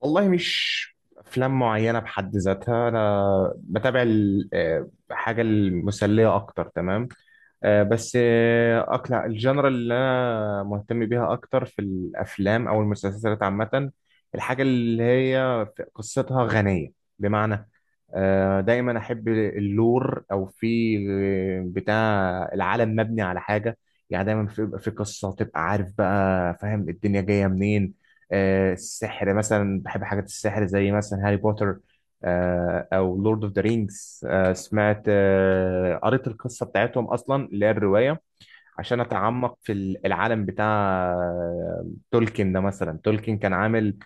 والله مش افلام معينه بحد ذاتها، انا بتابع حاجه المسليه اكتر. تمام. بس اقلع الجنرال اللي انا مهتم بيها اكتر في الافلام او المسلسلات عامه. الحاجه اللي هي قصتها غنيه، بمعنى دايما احب اللور او في بتاع العالم مبني على حاجه. يعني دايما بيبقى في قصه، تبقى عارف بقى فاهم الدنيا جايه منين. السحر مثلا، بحب حاجات السحر زي مثلا هاري بوتر، او لورد اوف ذا رينجز. سمعت قريت القصه بتاعتهم اصلا اللي هي الروايه، عشان اتعمق في العالم بتاع تولكين ده. مثلا تولكين كان عامل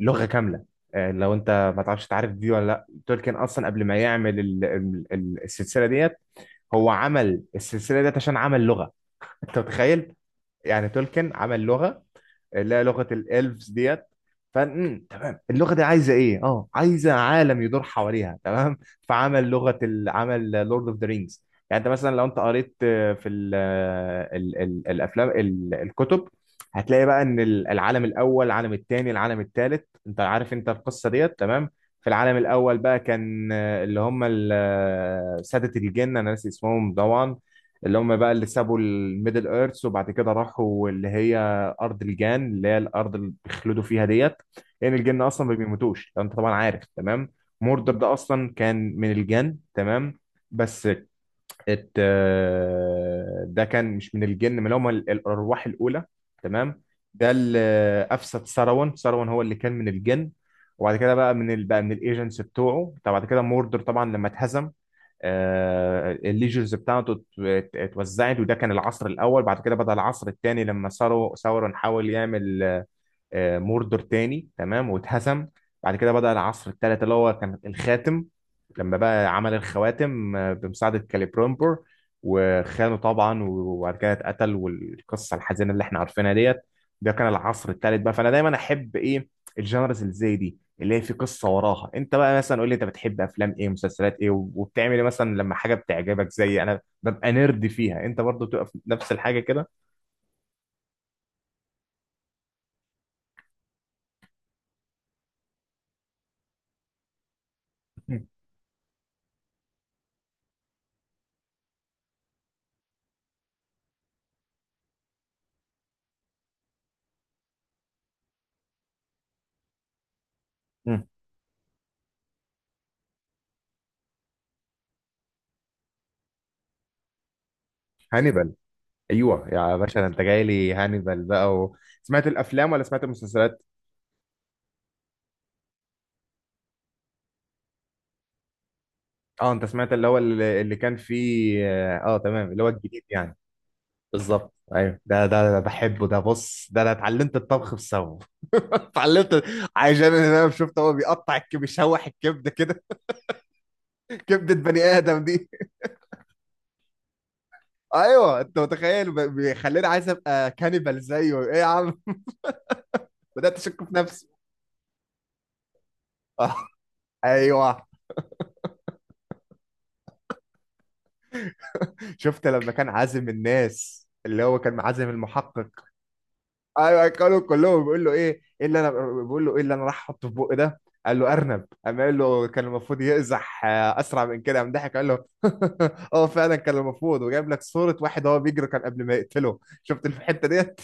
لغة كاملة. لو انت ما تعرفش تعرف دي ولا لا، تولكين اصلا قبل ما يعمل السلسلة ديت، هو عمل السلسلة ديت عشان عمل لغة. انت متخيل؟ يعني تولكين عمل لغة، اللي هي لغه الالفز ديت. فن. تمام، اللغه دي عايزه ايه؟ اه، عايزه عالم يدور حواليها. تمام. فعمل لغه عمل لورد اوف ذا رينجز. يعني انت مثلا لو انت قريت في ال الافلام الكتب، هتلاقي بقى ان العالم الاول، العالم الثاني، العالم الثالث، انت عارف انت القصه ديت. تمام. في العالم الاول بقى كان اللي هم ساده الجن، انا ناسي اسمهم طبعا. اللي هم بقى اللي سابوا الميدل ايرث، وبعد كده راحوا اللي هي ارض الجان، اللي هي الارض اللي بيخلدوا فيها ديت. لان يعني الجن اصلا ما بيموتوش، لو انت طبعا عارف. تمام. موردر ده اصلا كان من الجن. تمام. بس ات آه، ده كان مش من الجن، من هم الارواح الاولى. تمام. ده اللي افسد سروان. سروان هو اللي كان من الجن. وبعد كده بقى من الايجنتس بتوعه. طب بعد كده موردر طبعا لما اتهزم، الليجرز بتاعته اتوزعت. وده كان العصر الاول. بعد كده بدأ العصر الثاني لما ثورون حاول يعمل موردور تاني. تمام، واتهزم. بعد كده بدأ العصر الثالث اللي هو كان الخاتم. لما بقى عمل الخواتم بمساعدة كاليبرومبور، وخانه طبعا. وبعد كده اتقتل، والقصة الحزينة اللي احنا عارفينها ديت. ده كان العصر الثالث بقى. فانا دايما احب ايه؟ الجانرز اللي زي دي، اللي هي في قصة وراها. انت بقى مثلا قول لي، انت بتحب افلام ايه، مسلسلات ايه، وبتعمل ايه مثلا لما حاجة بتعجبك؟ زي انا ببقى نرد فيها، انت برضو بتبقى في نفس الحاجة كده؟ مم. ايوه يا باشا، ده انت جاي لي هانيبال بقى سمعت الافلام ولا سمعت المسلسلات؟ اه، انت سمعت اللي هو اللي كان فيه. اه تمام، اللي هو الجديد يعني. بالظبط، ايوه، ده بحبه. ده بص، ده انا اتعلمت الطبخ بسببه. اتعلمت عشان انا شفت هو بيقطع الكبد، بيشوح الكبده كده. كبده بني ادم دي! ايوه انت متخيل؟ بيخليني عايز ابقى كانيبال زيه، ايه يا عم؟ بدات اشك في نفسي. آه، ايوه. شفت لما كان عازم الناس، اللي هو كان عازم المحقق؟ ايوه اكلوا كلهم. بيقول له ايه اللي انا، بيقول له ايه اللي انا راح احطه في بقي ده؟ قال له ارنب. قام قال له كان المفروض يقزح اسرع من كده. قام ضحك قال له اه فعلا كان المفروض، وجايب لك صورة واحد هو بيجري كان قبل ما يقتله. شفت الحتة ديت؟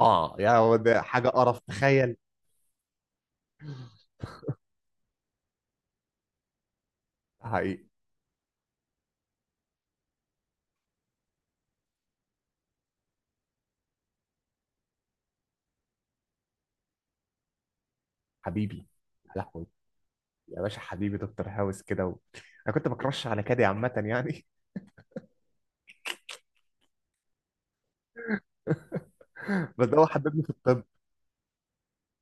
اه، يا هو ده حاجة قرف، تخيل. حقيقي. حبيبي، يا لهوي، يا باشا حبيبي، دكتور هاوس كده انا كنت بكرش على كادي عامة يعني. بس ده هو حببني في الطب.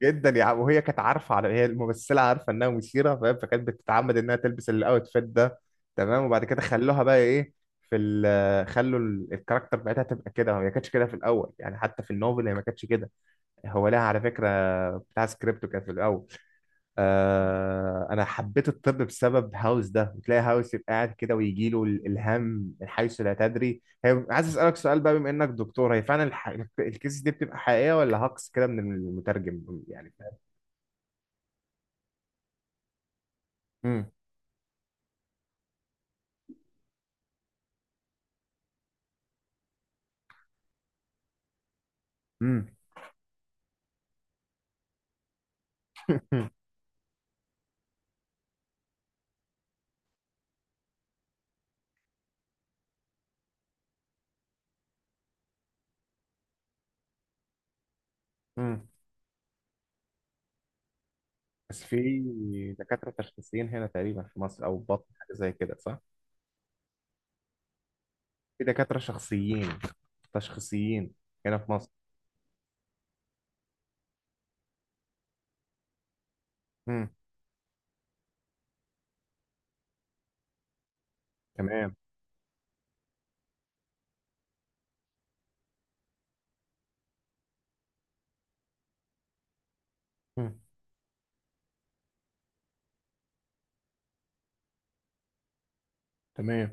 جدا يا عم، وهي كانت عارفه، على هي الممثله عارفه انها مثيره، فاهم؟ فكانت بتتعمد انها تلبس الاوتفيت ده. تمام، وبعد كده خلوها بقى ايه؟ في ال خلوا الكاركتر بتاعتها تبقى كده، هي ما كانتش كده في الاول يعني، حتى في النوفل هي ما كانتش كده. هو لها على فكره، بتاع سكريبته كان في الاول. انا حبيت الطب بسبب هاوس ده. بتلاقي هاوس يبقى قاعد كده ويجي له الالهام من حيث لا تدري. هي عايز اسالك سؤال بقى بما انك دكتور، هي فعلا الكيس دي بتبقى حقيقيه ولا هاكس كده من المترجم يعني؟ امم. امم. بس في دكاترة تشخيصيين هنا تقريبا في مصر، أو بطن حاجة زي كده صح؟ في دكاترة تشخيصيين هنا في مصر. امم. تمام. امم. تمام.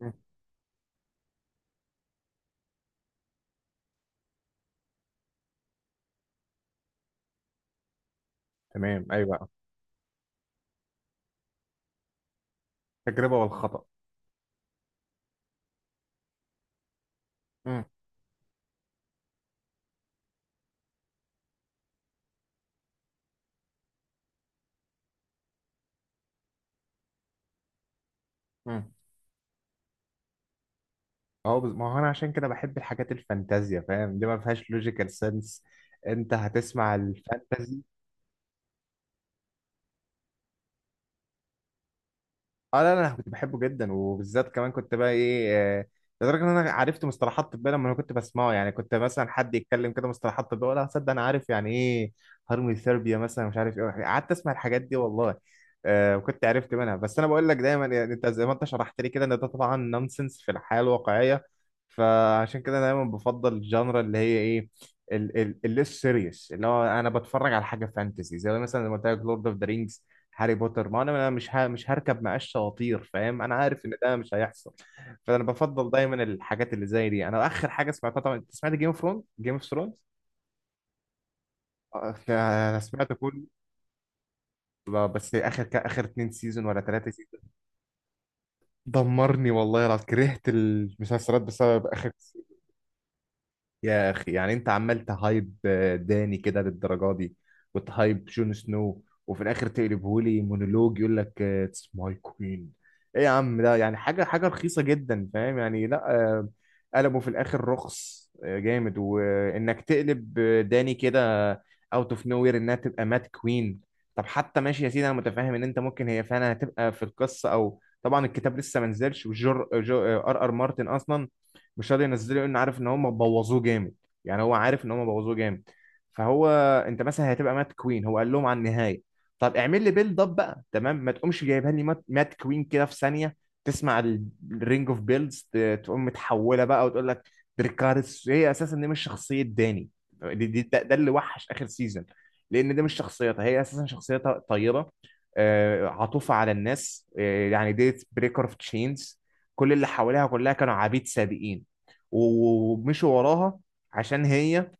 امم. تمام. أيوه، التجربة والخطأ. امم. امم. أهو ما هو أنا عشان كده بحب الحاجات الفانتازيا، فاهم؟ دي ما فيهاش لوجيكال سنس. أنت هتسمع الفانتازي. اه لا لا، انا كنت بحبه جدا، وبالذات كمان كنت بقى ايه، آه، لدرجه ان انا عرفت مصطلحات طبيه لما انا كنت بسمعه. يعني كنت مثلا حد يتكلم كده مصطلحات طبيه ولا صدق انا عارف يعني ايه. هرمي ثيرابيا مثلا، مش عارف ايه، قعدت اسمع الحاجات دي والله. وكنت عرفت منها، بس انا بقول لك دايما يعني، انت زي ما انت شرحت لي كده ان ده طبعا نونسنس في الحياه الواقعيه. فعشان كده انا دايما بفضل الجانرا اللي هي ايه، الليس سيريس، اللي هو انا بتفرج على حاجه فانتسي زي مثلا زي ما قلت لك لورد اوف ذا رينجز، هاري بوتر. ما انا أنا مش هركب معاه الشواطير، فاهم؟ انا عارف ان ده مش هيحصل. فانا بفضل دايما الحاجات اللي زي دي. انا اخر حاجه سمعتها طبعا، انت سمعت جيم اوف ثرونز؟ جيم اوف ثرونز. انا سمعت كله. لا، بس اخر 2 سيزون ولا 3 سيزون. دمرني والله العظيم، كرهت المسلسلات بسبب اخر. يا اخي، يعني انت عمال تهايب داني كده للدرجه دي، وتهايب جون سنو، وفي الاخر تقلبه لي مونولوج يقول لك اتس ماي كوين. ايه يا عم ده؟ يعني حاجه رخيصه جدا، فاهم يعني؟ لا قلبه في الاخر رخص جامد، وانك تقلب داني كده اوت اوف نو وير انها تبقى مات كوين. طب حتى ماشي يا سيدي، انا متفاهم ان انت ممكن هي فعلا هتبقى في القصه، او طبعا الكتاب لسه ما نزلش. وجر جو ار ار مارتن اصلا مش راضي ينزله لانه عارف ان هم بوظوه جامد. يعني هو عارف ان هم بوظوه جامد. فهو، انت مثلا هتبقى مات كوين، هو قال لهم على النهايه؟ طب اعمل لي بيلد اب بقى، تمام، ما تقومش جايبها لي مات كوين كده في ثانيه. تسمع الرينج اوف بيلدز، تقوم متحوله بقى وتقول لك دريكارس. هي اساسا دي مش شخصيه داني. ده اللي وحش اخر سيزون. لان دي مش شخصيتها، هي اساسا شخصيتها طيبه، عطوفه على الناس، يعني ديت بريكر اوف تشينز. كل اللي حواليها كلها كانوا عبيد سابقين ومشوا وراها عشان هي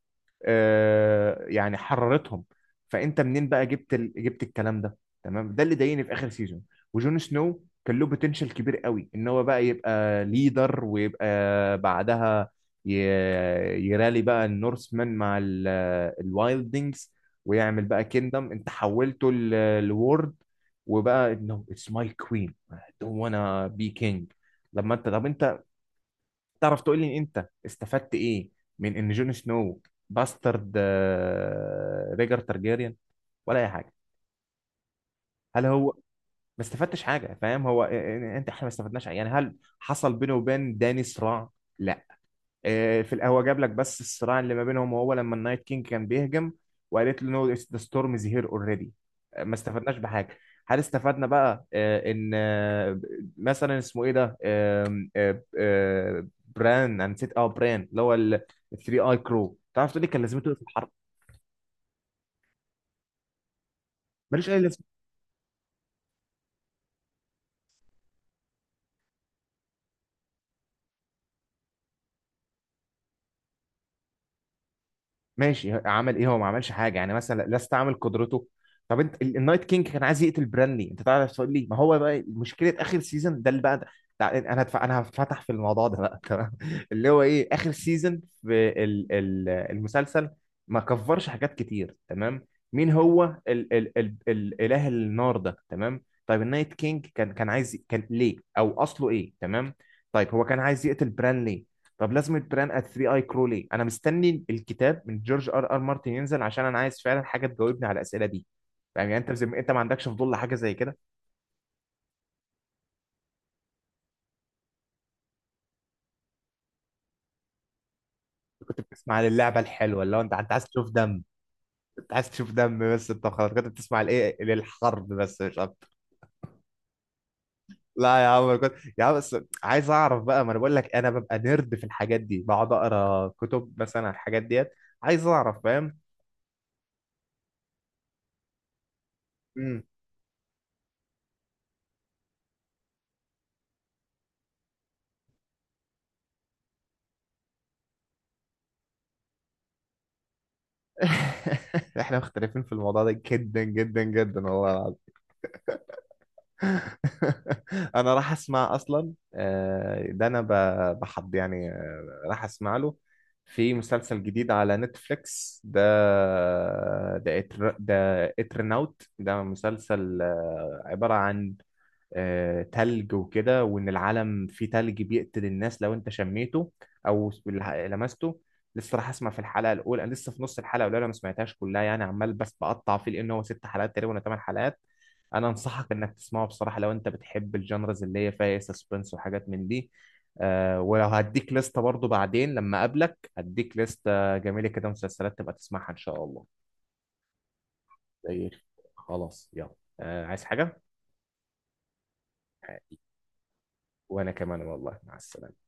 يعني حررتهم. فانت منين بقى جبت الكلام ده؟ تمام، ده اللي ضايقني في اخر سيزون. وجون سنو كان له بوتنشال كبير قوي ان هو بقى يبقى ليدر، ويبقى بعدها ي... يرالي بقى النورسمان مع الوايلدنجز، ويعمل بقى كيندم. انت حولته لورد، وبقى: no it's my queen, I don't wanna be king. لما انت، طب انت تعرف تقول لي انت استفدت ايه من ان جون سنو باسترد ريجر تارجيريان، ولا اي حاجه؟ هل هو ما استفدتش حاجه، فاهم؟ هو انت، احنا ما استفدناش حاجة. يعني هل حصل بينه وبين داني صراع؟ لا. في القهوه جاب لك بس الصراع اللي ما بينهم، وهو لما النايت كينج كان بيهجم وقالت له نو ذا ستورم از هير اوريدي. ما استفدناش بحاجه. هل استفدنا بقى آه، ان آه، مثلا اسمه ايه ده، آم، آه، آه، بران، انا نسيت. اه، بران اللي هو الثري اي كرو، تعرف تقول لي كان لازمته إيه في الحرب؟ ملوش اي لازمه. ماشي، عمل ايه هو؟ ما عملش حاجه يعني، مثلا لا استعمل قدرته. طب انت النايت كينج كان عايز يقتل برانلي، انت تعرف تقول لي ما هو بقى؟ مشكله اخر سيزون ده اللي بقى ده. انا انا هفتح في الموضوع ده بقى، تمام؟ اللي هو ايه اخر سيزون في المسلسل؟ ما كفرش حاجات كتير، تمام. مين هو الاله النار ده، تمام؟ طيب النايت كينج كان عايز، كان ليه او اصله ايه، تمام؟ طيب هو كان عايز يقتل برانلي، طب لازمة بران ات 3 اي كرو ليه؟ انا مستني الكتاب من جورج ار ار مارتن ينزل، عشان انا عايز فعلا حاجة تجاوبني على الأسئلة دي. فاهم يعني؟ انت زي ما انت، ما عندكش فضول لحاجة زي كده؟ أنت كنت بتسمع عن اللعبة الحلوة، اللي هو انت عايز تشوف دم. انت عايز تشوف دم بس، انت خلاص كنت بتسمع لايه للحرب بس مش اكتر. لا يا عم، أنا كنت يا عم بس عايز اعرف بقى، ما انا بقول لك انا ببقى نيرد في الحاجات دي، بقعد اقرا كتب مثلا عن الحاجات ديت. عايز اعرف، فاهم؟ امم. احنا مختلفين في الموضوع ده جدا جدا جدا والله. انا راح اسمع اصلا ده انا بحض يعني، راح اسمع له في مسلسل جديد على نتفليكس ده. ده اترناوت، ده مسلسل عبارة عن تلج وكده، وان العالم فيه تلج بيقتل الناس لو انت شميته او لمسته. لسه راح اسمع في الحلقه الاولى، انا لسه في نص الحلقه الاولى، انا ما سمعتهاش كلها يعني، عمال بس بقطع فيه. لان هو 6 حلقات تقريبا ولا 8 حلقات. انا انصحك انك تسمعه بصراحه، لو انت بتحب الجانرز اللي هي فيها سسبنس وحاجات من دي. ولو هديك لستة برضو، بعدين لما اقابلك هديك لستة جميلة كده مسلسلات تبقى تسمعها ان شاء الله. زي الفل. خلاص يلا، عايز حاجة؟ وانا كمان والله، مع السلامة.